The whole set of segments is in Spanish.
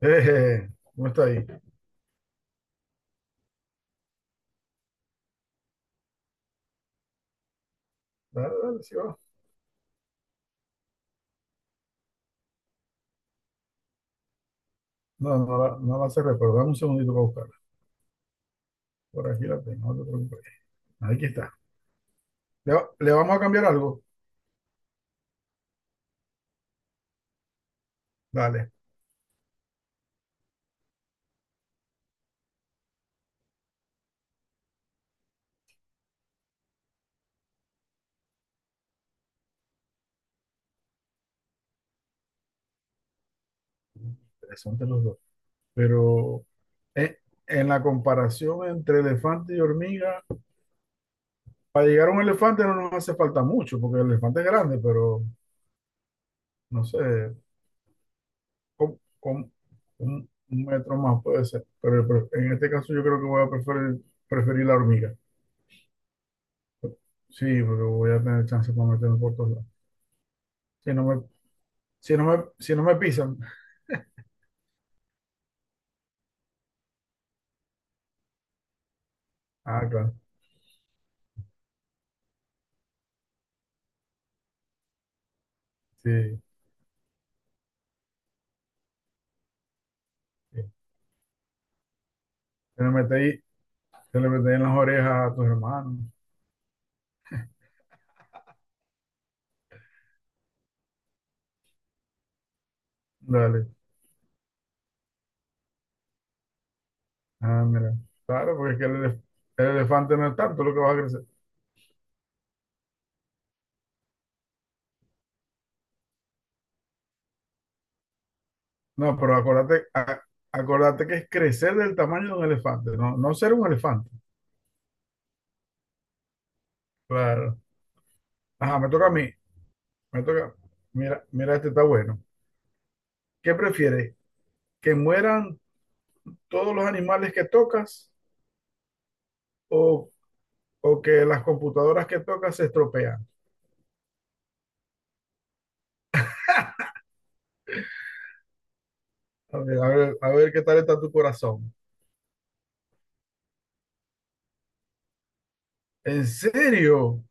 Eh, no está ahí. Dale, dale, sí va. No, no la cerré, pero dame un segundito para buscarla. Por aquí la tengo, no te preocupes. Aquí está. Le vamos a cambiar algo. Dale, interesantes los dos. Pero eh, en la comparación entre elefante y hormiga, para llegar a un elefante no nos hace falta mucho, porque el elefante es grande, pero no sé, con un metro más puede ser. Pero en este caso yo creo que voy a preferir la hormiga. Sí, porque voy a tener chance para meterme por todos lados. Sí, no me, Si no me, si no me pisan. Ah, claro. Sí, sí. Se le mete ahí, se le mete ahí en las orejas a tus hermanos. Dale. Ah, mira. Claro, porque es que el elefante no es tanto lo que va a crecer. No, pero acuérdate, acuérdate que es crecer del tamaño de un elefante, no, no ser un elefante. Claro. Ajá, me toca a mí. Me toca. Mira, mira, este está bueno. ¿Qué prefieres? ¿Que mueran todos los animales que tocas o, o que las computadoras que tocas se estropean? A ver, a ver, a ver qué tal está tu corazón. ¿En serio?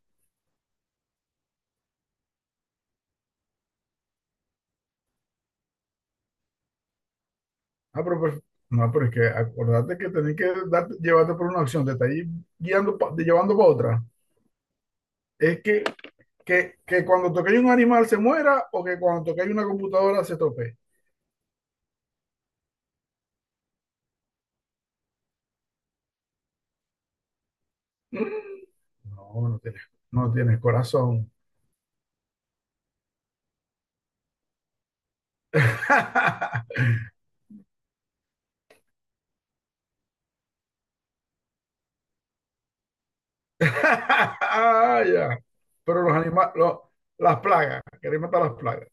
Ah, pero, pues, no, pero es que acordate que tenés que llevarte por una acción, te está ahí guiando, llevando para otra. Es que, que cuando toquéis un animal se muera o que cuando toquéis una computadora se tope. No, no tienes, no tienes corazón. Ah, ya. Pero los animales, las plagas, queréis matar las plagas.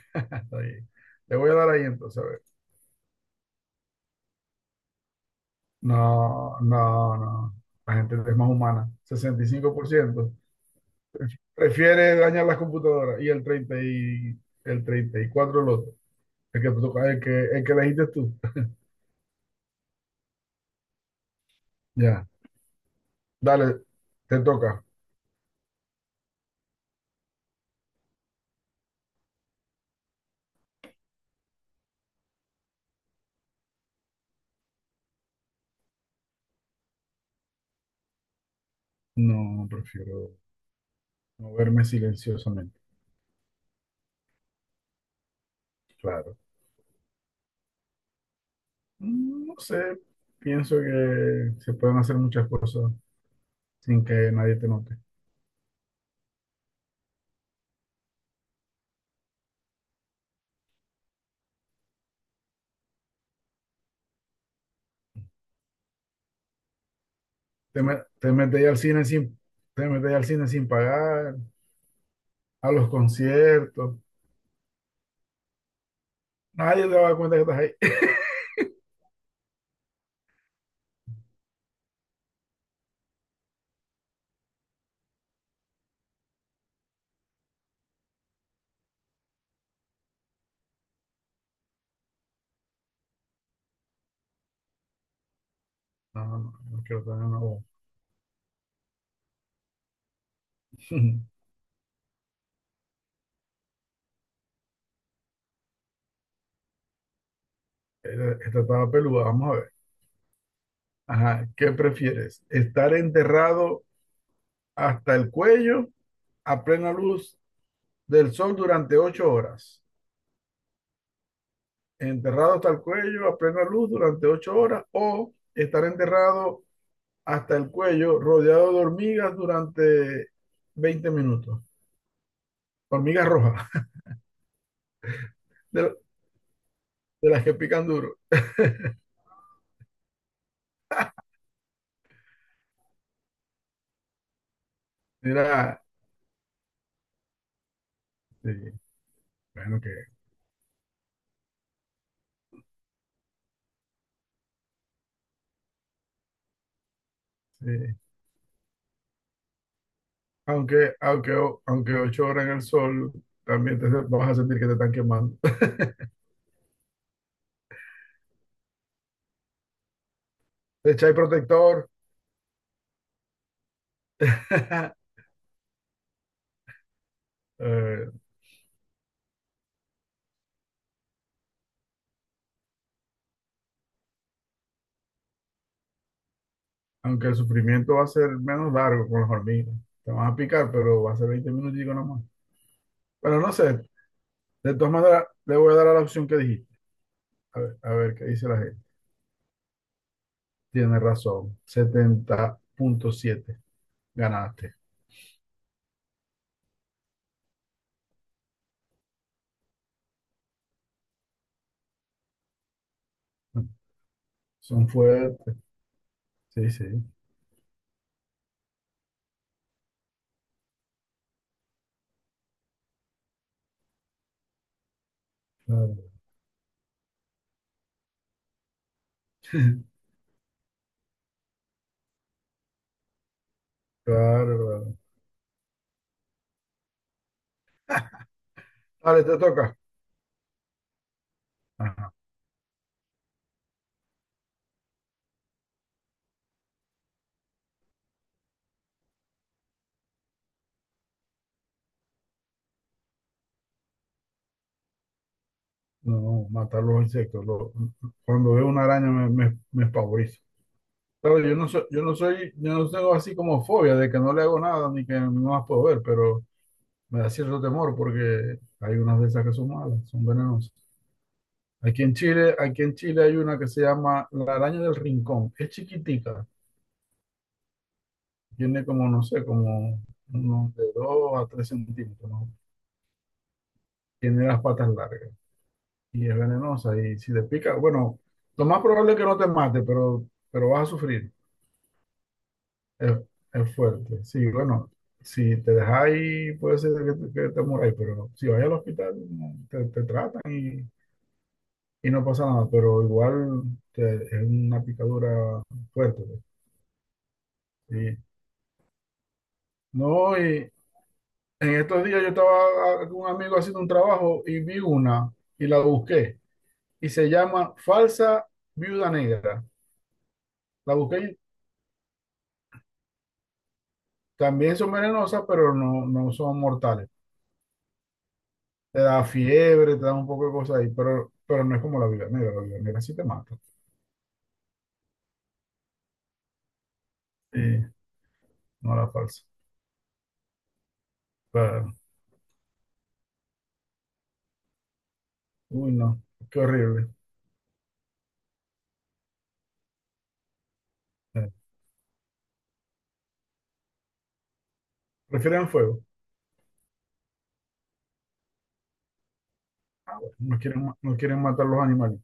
Está bien. Le voy a dar ahí entonces, a ver. No, no, no. La gente es más humana, 65%. Prefiere dañar las computadoras y el 34 el otro. El que, te toca, el que, el que elegiste tú. Ya, dale, te toca. No, prefiero moverme silenciosamente, claro. No sé, pienso que se pueden hacer muchas cosas sin que nadie te note. Te metes al cine sin, te metes al cine sin pagar, a los conciertos. Nadie te va a dar cuenta que estás ahí. No, no, no quiero tener una voz. Esta estaba peluda, vamos a ver. Ajá, ¿qué prefieres? ¿Estar enterrado hasta el cuello a plena luz del sol durante 8 horas? ¿Enterrado hasta el cuello a plena luz durante 8 horas? ¿O estar enterrado hasta el cuello rodeado de hormigas durante 20 minutos? Hormigas rojas, de las que pican duro. Mira, sí, bueno que sí. Aunque 8 horas en el sol, también te vas a sentir que te están quemando. Te echáis protector, Eh, aunque el sufrimiento va a ser menos largo con las hormigas. Te van a picar, pero va a ser 20 minutos nomás. Pero no sé, de todas maneras, le voy a dar a la opción que dijiste. A ver qué dice la gente. Tiene razón, 70,7. Ganaste. Son fuertes. Sí, sí, claro. Claro, claro. Dale, te toca. Ajá. No, no, matar los insectos. Cuando veo una araña me espavorizo. Claro, yo no tengo así como fobia de que no le hago nada ni que no las puedo ver, pero me da cierto temor porque hay unas de esas que son malas, son venenosas. Aquí en Chile hay una que se llama la araña del rincón. Es chiquitica, tiene como, no sé, como unos de 2 a 3 centímetros, ¿no? Tiene las patas largas y es venenosa y si te pica, bueno, lo más probable es que no te mate, pero vas a sufrir. Es, es fuerte. Sí, bueno, si te dejas ahí, puede ser que que te muráis, pero si vas al hospital, no, te tratan y no pasa nada, pero igual es una picadura fuerte, pues. Sí. No, y en estos días yo estaba con un amigo haciendo un trabajo y vi una y la busqué y se llama falsa viuda negra. La busqué y también son venenosas, pero no, no son mortales. Te da fiebre, te da un poco de cosas ahí, pero no es como la mira sí te mata. Y no la falsa. Claro. Uy, no, qué horrible. Eh, Prefieren fuego. Ah, bueno, no quieren matar los animales.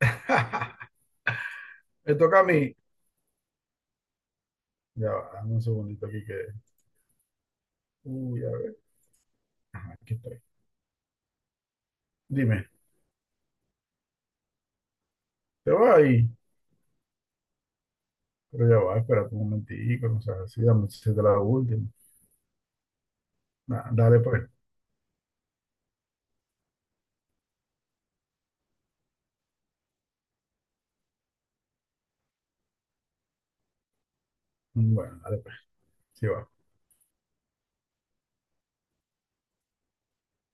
Me toca a mí. Ya va, dame un segundito aquí que. Uy, a ver. Ajá, aquí estoy. Dime, te va ahí. Pero ya va, espérate un momentico, no seas así, dame si te la última. Dale pues. Bueno, dale pues. Sí va.